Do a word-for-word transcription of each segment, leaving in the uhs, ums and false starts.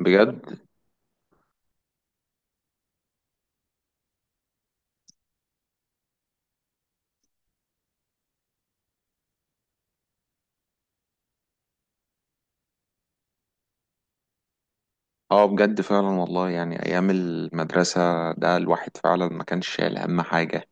بجد. اه، بجد فعلا والله، يعني ايام المدرسه ده الواحد فعلا ما كانش شايل هم حاجه.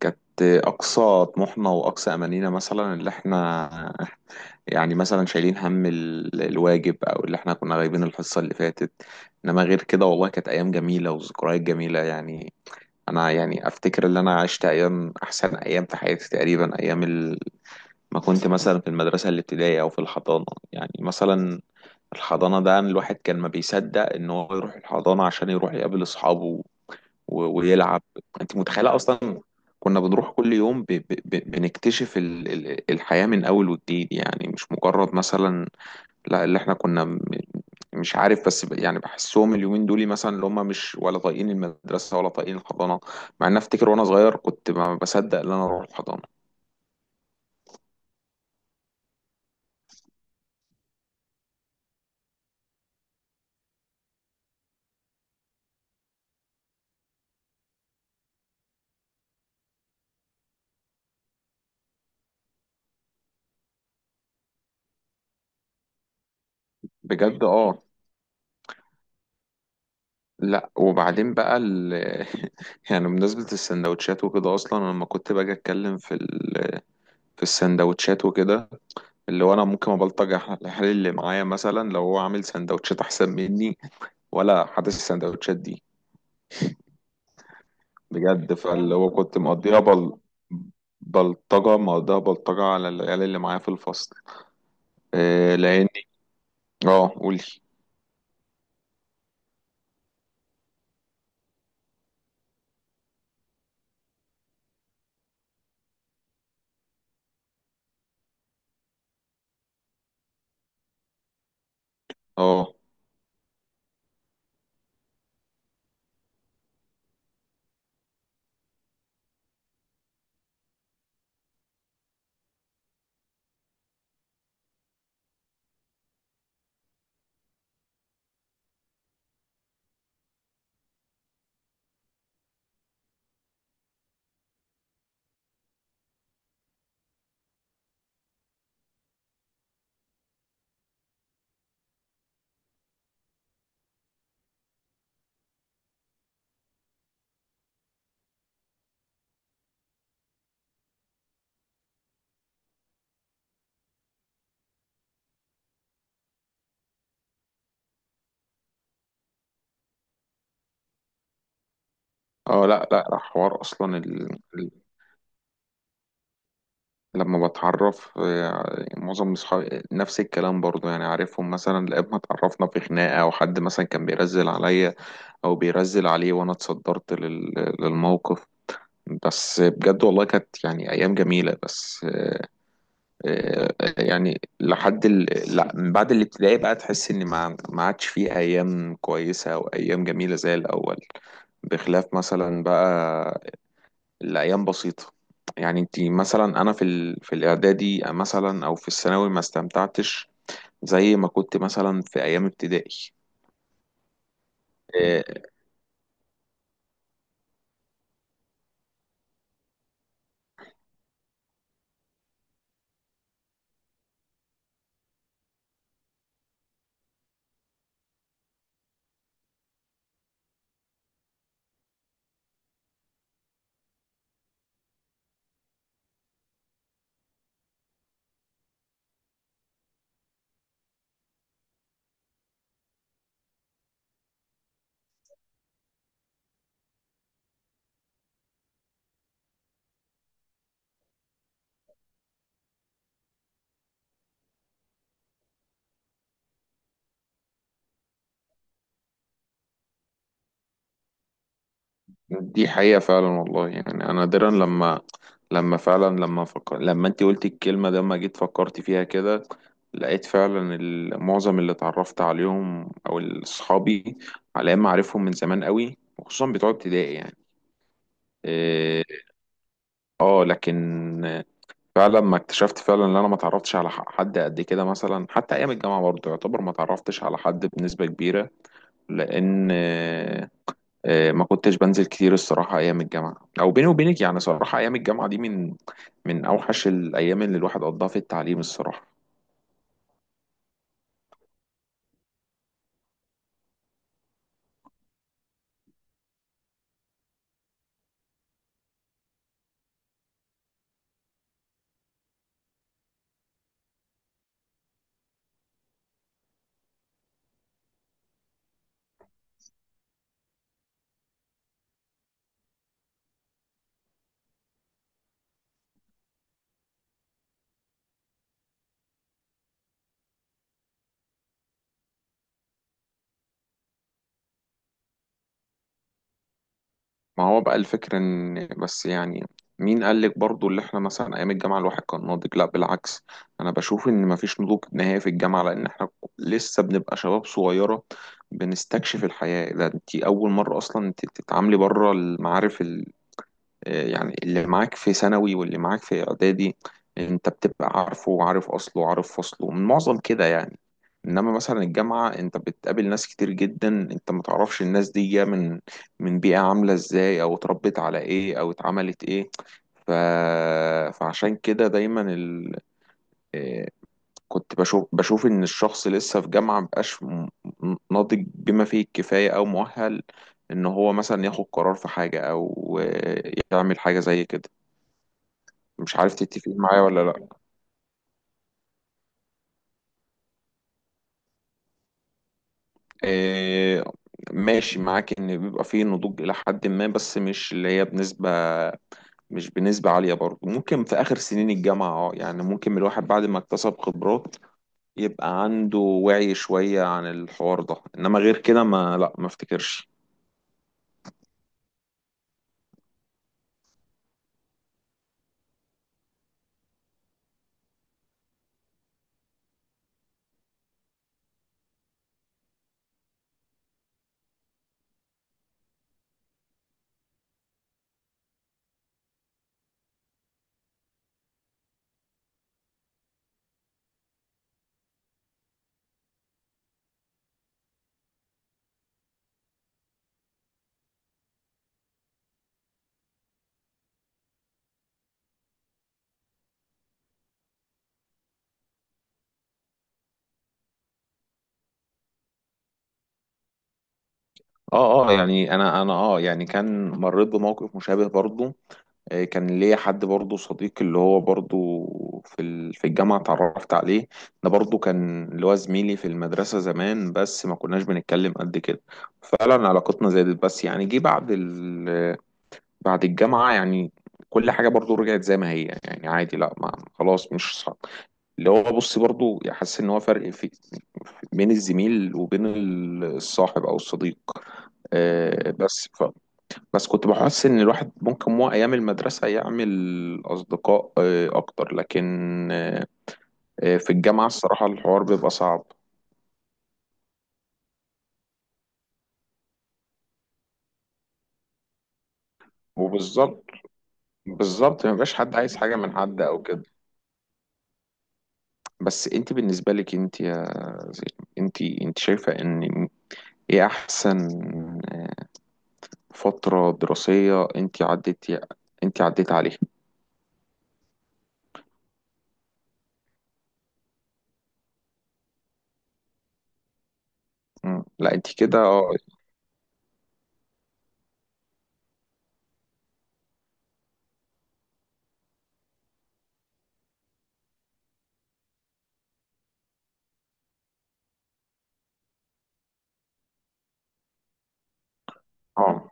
كانت اقصى طموحنا واقصى امانينا، مثلا اللي احنا، يعني مثلا شايلين هم ال- الواجب، او اللي احنا كنا غايبين الحصه اللي فاتت. انما غير كده والله كانت ايام جميله وذكريات جميله يعني. انا يعني افتكر ان انا عشت ايام، احسن ايام في حياتي تقريبا، ايام ال... ما كنت مثلا في المدرسه الابتدائيه او في الحضانه. يعني مثلا الحضانة ده، أنا الواحد كان ما بيصدق إن هو يروح الحضانة عشان يروح يقابل أصحابه و- ويلعب. أنت متخيلة أصلا؟ كنا بنروح كل يوم ب... ب... ب... بنكتشف ال... ال- الحياة من أول وجديد، يعني مش مجرد مثلا، لا اللي إحنا كنا م- مش عارف، بس ب... يعني بحسهم اليومين دول مثلا اللي هم مش ولا طايقين المدرسة ولا طايقين الحضانة، مع إن أفتكر وأنا صغير كنت ما بصدق إن أنا أروح الحضانة. بجد أه. لا وبعدين بقى ال... يعني بمناسبة السندوتشات وكده، أصلا أنا لما كنت باجي أتكلم في ال... في السندوتشات وكده، اللي هو أنا ممكن أبلطج على الحال اللي معايا مثلا لو هو عامل سندوتشات أحسن مني، ولا حاسس السندوتشات دي. بجد فاللي هو كنت مقضيها بل... بلطجة مقضيها بلطجة على العيال اللي معايا في الفصل. إيه لأني. اه قولي. اه اه، لا لا، حوار أصلا. لما بتعرف، آه، معظم اصحابي نفس الكلام برضو، يعني عارفهم مثلا، لقيت ما اتعرفنا في خناقة، او حد مثلا كان بيرزل عليا، او بيرزل عليه وانا اتصدرت لل- للموقف. بس بجد والله كانت يعني ايام جميلة، بس آه، يعني لحد ال... لا، من بعد الابتدائي بقى تحس ان ما ما عادش فيه ايام كويسة او ايام جميلة زي الاول، بخلاف مثلا بقى الأيام بسيطة. يعني انت مثلا، أنا في ال... في الإعدادي مثلا أو في الثانوي ما استمتعتش زي ما كنت مثلا في أيام ابتدائي. آه، دي حقيقة فعلا والله، يعني أنا نادرا لما لما فعلا لما فكر... لما انت قلت الكلمة ده، ما جيت فكرت فيها كده لقيت فعلا ال- معظم اللي اتعرفت عليهم أو ال- صحابي، على أيام أعرفهم من زمان قوي، وخصوصا بتوع ابتدائي يعني. اه. آه، لكن فعلا ما اكتشفت فعلا ان انا ما اتعرفتش على ح- حد قد كده، مثلا حتى ايام الجامعه برضه يعتبر ما اتعرفتش على حد بنسبه كبيره، لان آه، آه، ما كنتش بنزل كتير الصراحه ايام الجامعه، او بيني وبينك يعني صراحه ايام الجامعه دي من من اوحش الايام اللي الواحد قضاها في التعليم الصراحه. ما هو بقى الفكرة، ان بس يعني، مين قال لك برضو اللي احنا مثلا ايام الجامعة الواحد كان ناضج؟ لا بالعكس، انا بشوف ان مفيش نضوج نهائي في الجامعة، لان احنا لسه بنبقى شباب صغيرة بنستكشف الحياة. ده انت اول مرة اصلا انت تتعاملي بره المعارف، يعني اللي معاك في ثانوي واللي معاك في اعدادي انت بتبقى عارفه وعارف اصله وعارف فصله من معظم كده يعني، انما مثلا الجامعة انت بتقابل ناس كتير جدا، انت ما تعرفش الناس دي جاية من من بيئة عاملة ازاي او اتربت على ايه او اتعملت ايه. ف... فعشان كده دايما ال... آه، كنت بشوف بشوف ان الشخص لسه في جامعة مبقاش م- م- ناضج بما فيه الكفاية او مؤهل، ان هو مثلا ياخد قرار في حاجة او آه، يعمل حاجة زي كده. مش عارف تتفقين معايا ولا لا؟ إيه. ماشي معاك ان بيبقى فيه نضوج الى حد ما، بس مش اللي هي بنسبة، مش بنسبة عالية برضه. ممكن في اخر سنين الجامعة اه يعني ممكن الواحد بعد ما اكتسب خبرات يبقى عنده وعي شوية عن الحوار ده، انما غير كده، ما لا ما افتكرش. اه اه، يعني انا انا، اه يعني كان مريت بموقف مشابه برضه. آه، كان ليا حد برضه صديق اللي هو برضه في ال- في الجامعة اتعرفت عليه، ده برضه كان اللي هو زميلي في المدرسة زمان بس ما كناش بنتكلم قد كده. فعلا علاقتنا زادت، بس يعني جه بعد ال بعد الجامعة يعني، كل حاجة برضه رجعت زي ما هي يعني عادي، لا ما خلاص مش صعب. اللي هو بص برضه حاسس ان هو فرق، في بين الزميل وبين ال- الصاحب او الصديق. آه، بس بس كنت بحس ان الواحد ممكن مو ايام المدرسه يعمل اصدقاء آه، اكتر، لكن آه، آه، في الجامعه الصراحه الحوار بيبقى صعب. وبالظبط، بالظبط ما بيبقاش حد عايز حاجه من حد او كده. بس انت بالنسبه لك، انت يا زين، انت انت شايفه ان ايه احسن آه، فتره دراسيه انت عديتي انت عديت عليها؟ مم. لا انت كده اه. اه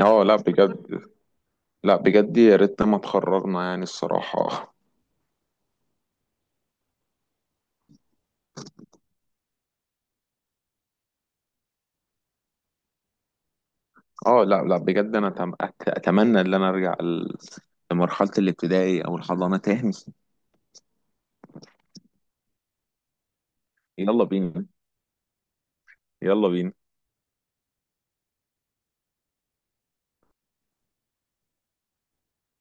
اه، لا بجد، لا بجد، يا ريتنا ما اتخرجنا يعني الصراحه. اه، لا لا بجد، انا أتم- أت- اتمنى ان انا ارجع ل- لمرحلة الابتدائي او الحضانة تاني. يلا بينا، يلا بينا.